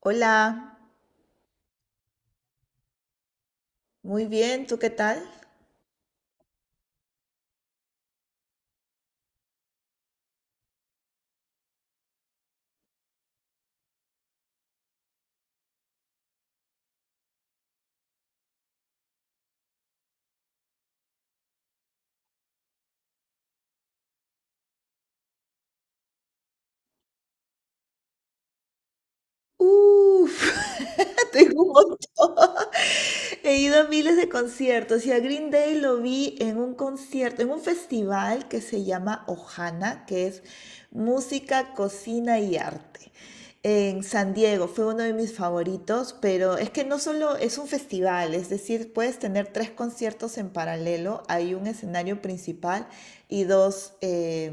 Hola, muy bien, ¿tú qué tal? Uf, tengo un montón. He ido a miles de conciertos y a Green Day lo vi en un concierto, en un festival que se llama Ohana, que es música, cocina y arte. En San Diego fue uno de mis favoritos, pero es que no solo es un festival, es decir, puedes tener tres conciertos en paralelo, hay un escenario principal y dos,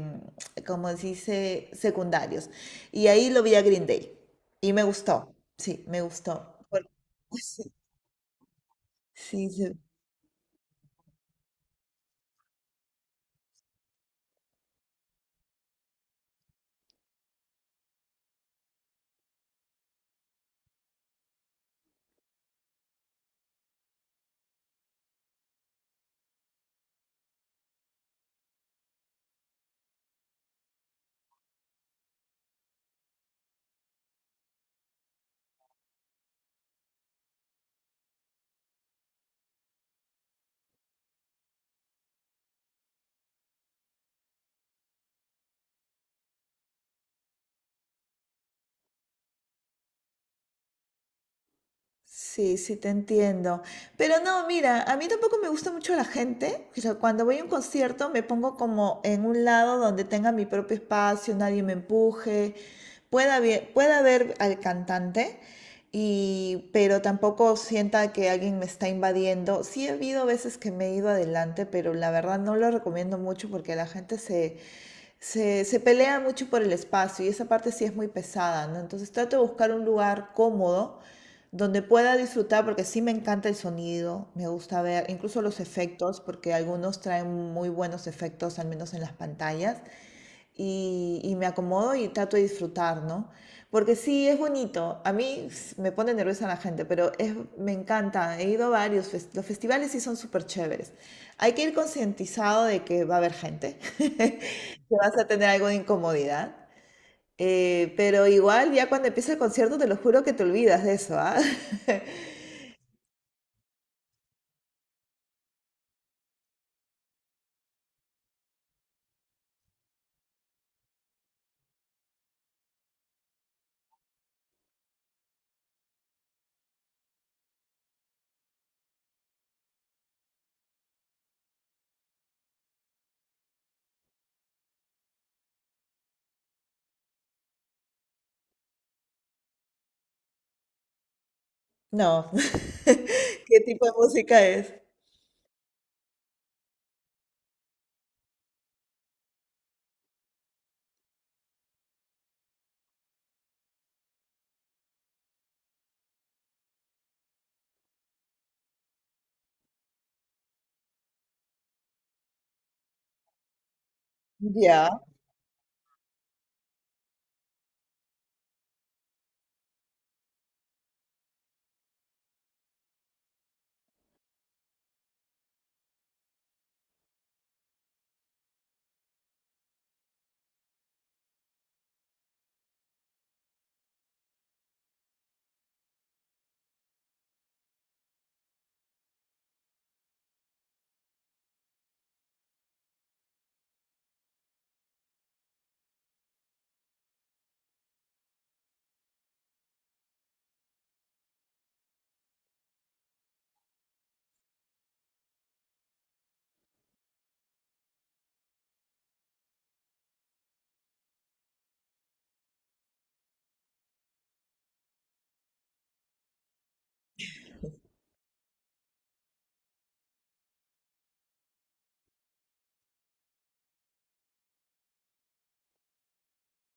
como se dice, secundarios. Y ahí lo vi a Green Day. Y me gustó, sí, me gustó. Por- Sí, sí. Sí, sí, te entiendo. Pero no, mira, a mí tampoco me gusta mucho la gente. O sea, cuando voy a un concierto me pongo como en un lado donde tenga mi propio espacio, nadie me empuje, pueda ver al cantante, y, pero tampoco sienta que alguien me está invadiendo. Sí, he habido veces que me he ido adelante, pero la verdad no lo recomiendo mucho porque la gente se pelea mucho por el espacio y esa parte sí es muy pesada, ¿no? Entonces trato de buscar un lugar cómodo donde pueda disfrutar, porque sí me encanta el sonido, me gusta ver incluso los efectos, porque algunos traen muy buenos efectos, al menos en las pantallas, y me acomodo y trato de disfrutar, ¿no? Porque sí, es bonito, a mí s- me pone nerviosa la gente, pero es, me encanta, he ido a varios, fes- los festivales sí son súper chéveres. Hay que ir concientizado de que va a haber gente, que vas a tener algo de incomodidad. Pero igual ya cuando empieza el concierto te lo juro que te olvidas de eso, ¿ah? No. ¿Qué tipo de música es? Ya.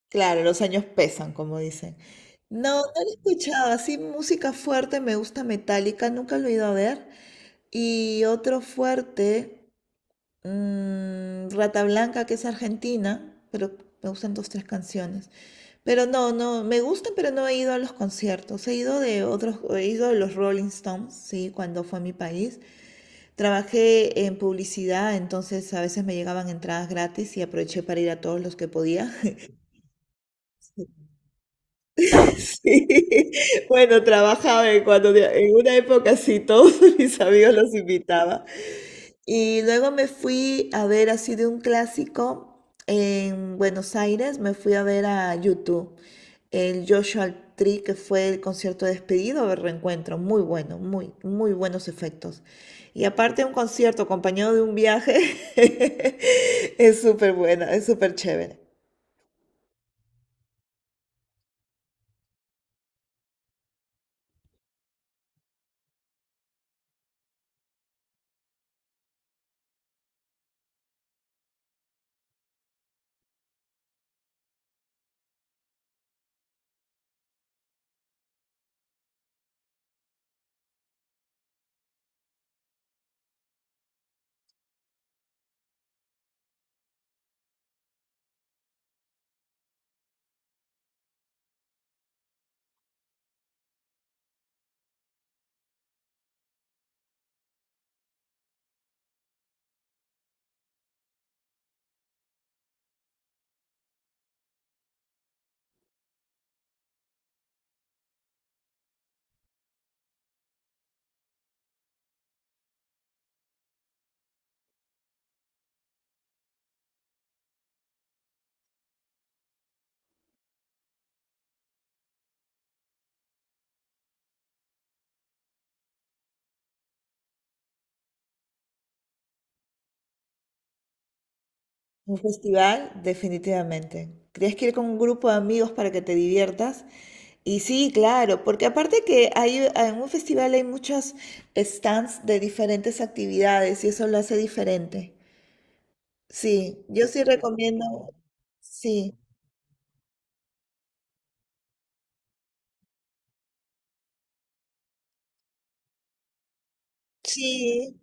Claro, los años pesan, como dicen. No, no lo he escuchado. Así música fuerte, me gusta Metallica, nunca lo he ido a ver. Y otro fuerte, Rata Blanca, que es argentina, pero me gustan dos, tres canciones. Pero no, no, me gustan, pero no he ido a los conciertos. He ido de otros, he ido de los Rolling Stones, sí, cuando fue a mi país. Trabajé en publicidad, entonces a veces me llegaban entradas gratis y aproveché para ir a todos los que podía. Sí, bueno, trabajaba en cuando en una época sí, todos mis amigos los invitaba. Y luego me fui a ver así de un clásico en Buenos Aires, me fui a ver a YouTube el Joshua Tree, que fue el concierto de despedido de reencuentro, muy bueno, muy, muy buenos efectos. Y aparte un concierto acompañado de un viaje, es súper buena, es súper chévere. Un festival, definitivamente. Tienes que ir con un grupo de amigos para que te diviertas. Y sí, claro, porque aparte que hay, en un festival hay muchos stands de diferentes actividades y eso lo hace diferente. Sí, yo sí recomiendo. Sí, sí.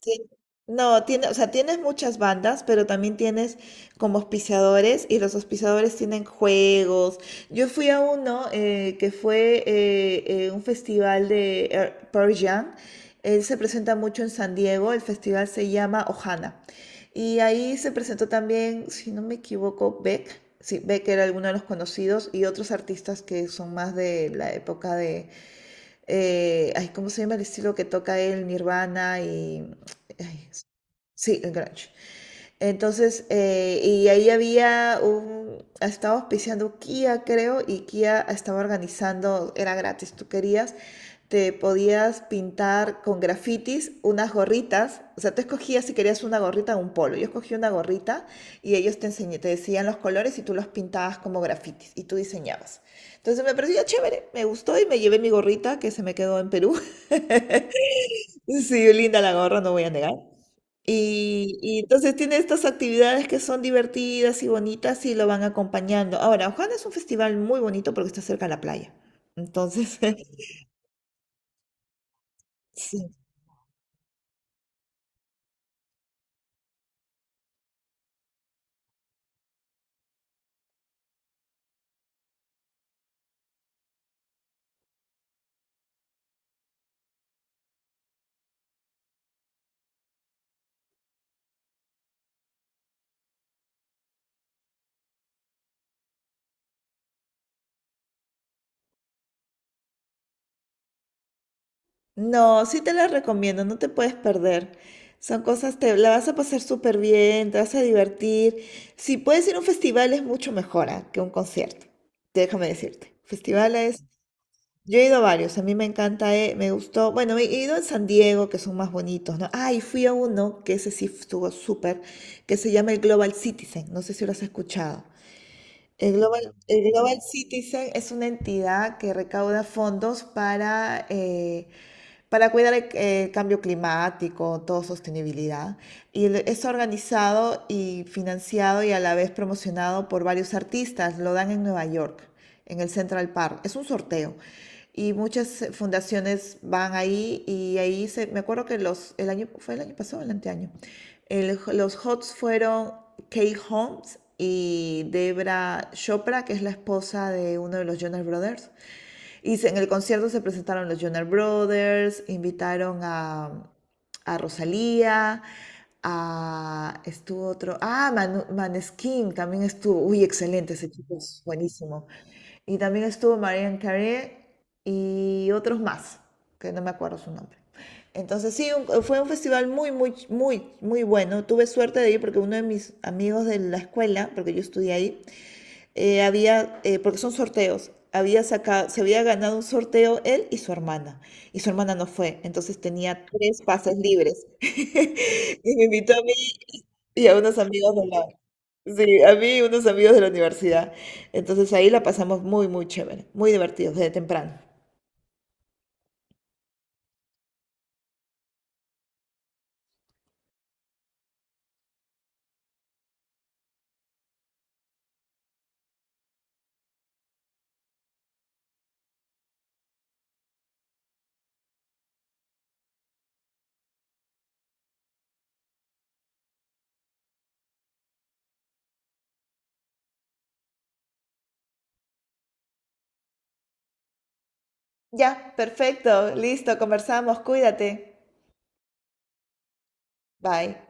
Tien- No, tiene, o sea, tienes muchas bandas, pero también tienes como auspiciadores y los auspiciadores tienen juegos. Yo fui a uno que fue un festival de Pearl Jam. Él se presenta mucho en San Diego, el festival se llama Ohana. Y ahí se presentó también, si no me equivoco, Beck. Sí, Beck era alguno de los conocidos y otros artistas que son más de la época de, ay, ¿cómo se llama el estilo que toca él, Nirvana y... ay, sí, el grunge. Entonces, y ahí había un, estaba auspiciando Kia, creo, y Kia estaba organizando, era gratis, tú querías, te podías pintar con grafitis unas gorritas, o sea, tú escogías si querías una gorrita o un polo, yo escogí una gorrita y ellos te enseñé, te decían los colores y tú los pintabas como grafitis y tú diseñabas. Entonces me pareció chévere, me gustó y me llevé mi gorrita que se me quedó en Perú. Sí, linda la gorra, no voy a negar. Y entonces tiene estas actividades que son divertidas y bonitas y lo van acompañando. Ahora, Ojana es un festival muy bonito porque está cerca de la playa. Entonces, sí. No, sí te las recomiendo, no te puedes perder. Son cosas, te la vas a pasar súper bien, te vas a divertir. Si puedes ir a un festival es mucho mejor, ah, que un concierto. Déjame decirte. Festivales. Yo he ido a varios, a mí me encanta, me gustó. Bueno, he ido en San Diego, que son más bonitos, ¿no? Ah, y fui a uno, que ese sí estuvo súper, que se llama el Global Citizen, no sé si lo has escuchado. El Global Citizen es una entidad que recauda fondos para cuidar el, cambio climático, todo sostenibilidad. Y el- es organizado y financiado y a la vez promocionado por varios artistas. Lo dan en Nueva York, en el Central Park. Es un sorteo. Y muchas fundaciones van ahí y ahí se, me acuerdo que los, el año, fue el año pasado, el anteaño, el- los HOTS fueron Kate Holmes y Debra Chopra, que es la esposa de uno de los Jonas Brothers. Y en el concierto se presentaron los Jonas Brothers, invitaron a Rosalía, a, estuvo otro, ah, Manu- Maneskin también estuvo, uy, excelente, ese chico es buenísimo. Y también estuvo Marianne Carey y otros más, que no me acuerdo su nombre. Entonces sí, un- fue un festival muy, muy, muy, muy bueno. Tuve suerte de ir porque uno de mis amigos de la escuela, porque yo estudié ahí, había, porque son sorteos, había sacado, se había ganado un sorteo él y su hermana no fue, entonces tenía tres pases libres. Y me invitó a mí y a unos amigos de la, sí, a mí y unos amigos de la universidad. Entonces ahí la pasamos muy, muy chévere, muy divertidos desde temprano. Ya, perfecto, listo, conversamos, cuídate. Bye.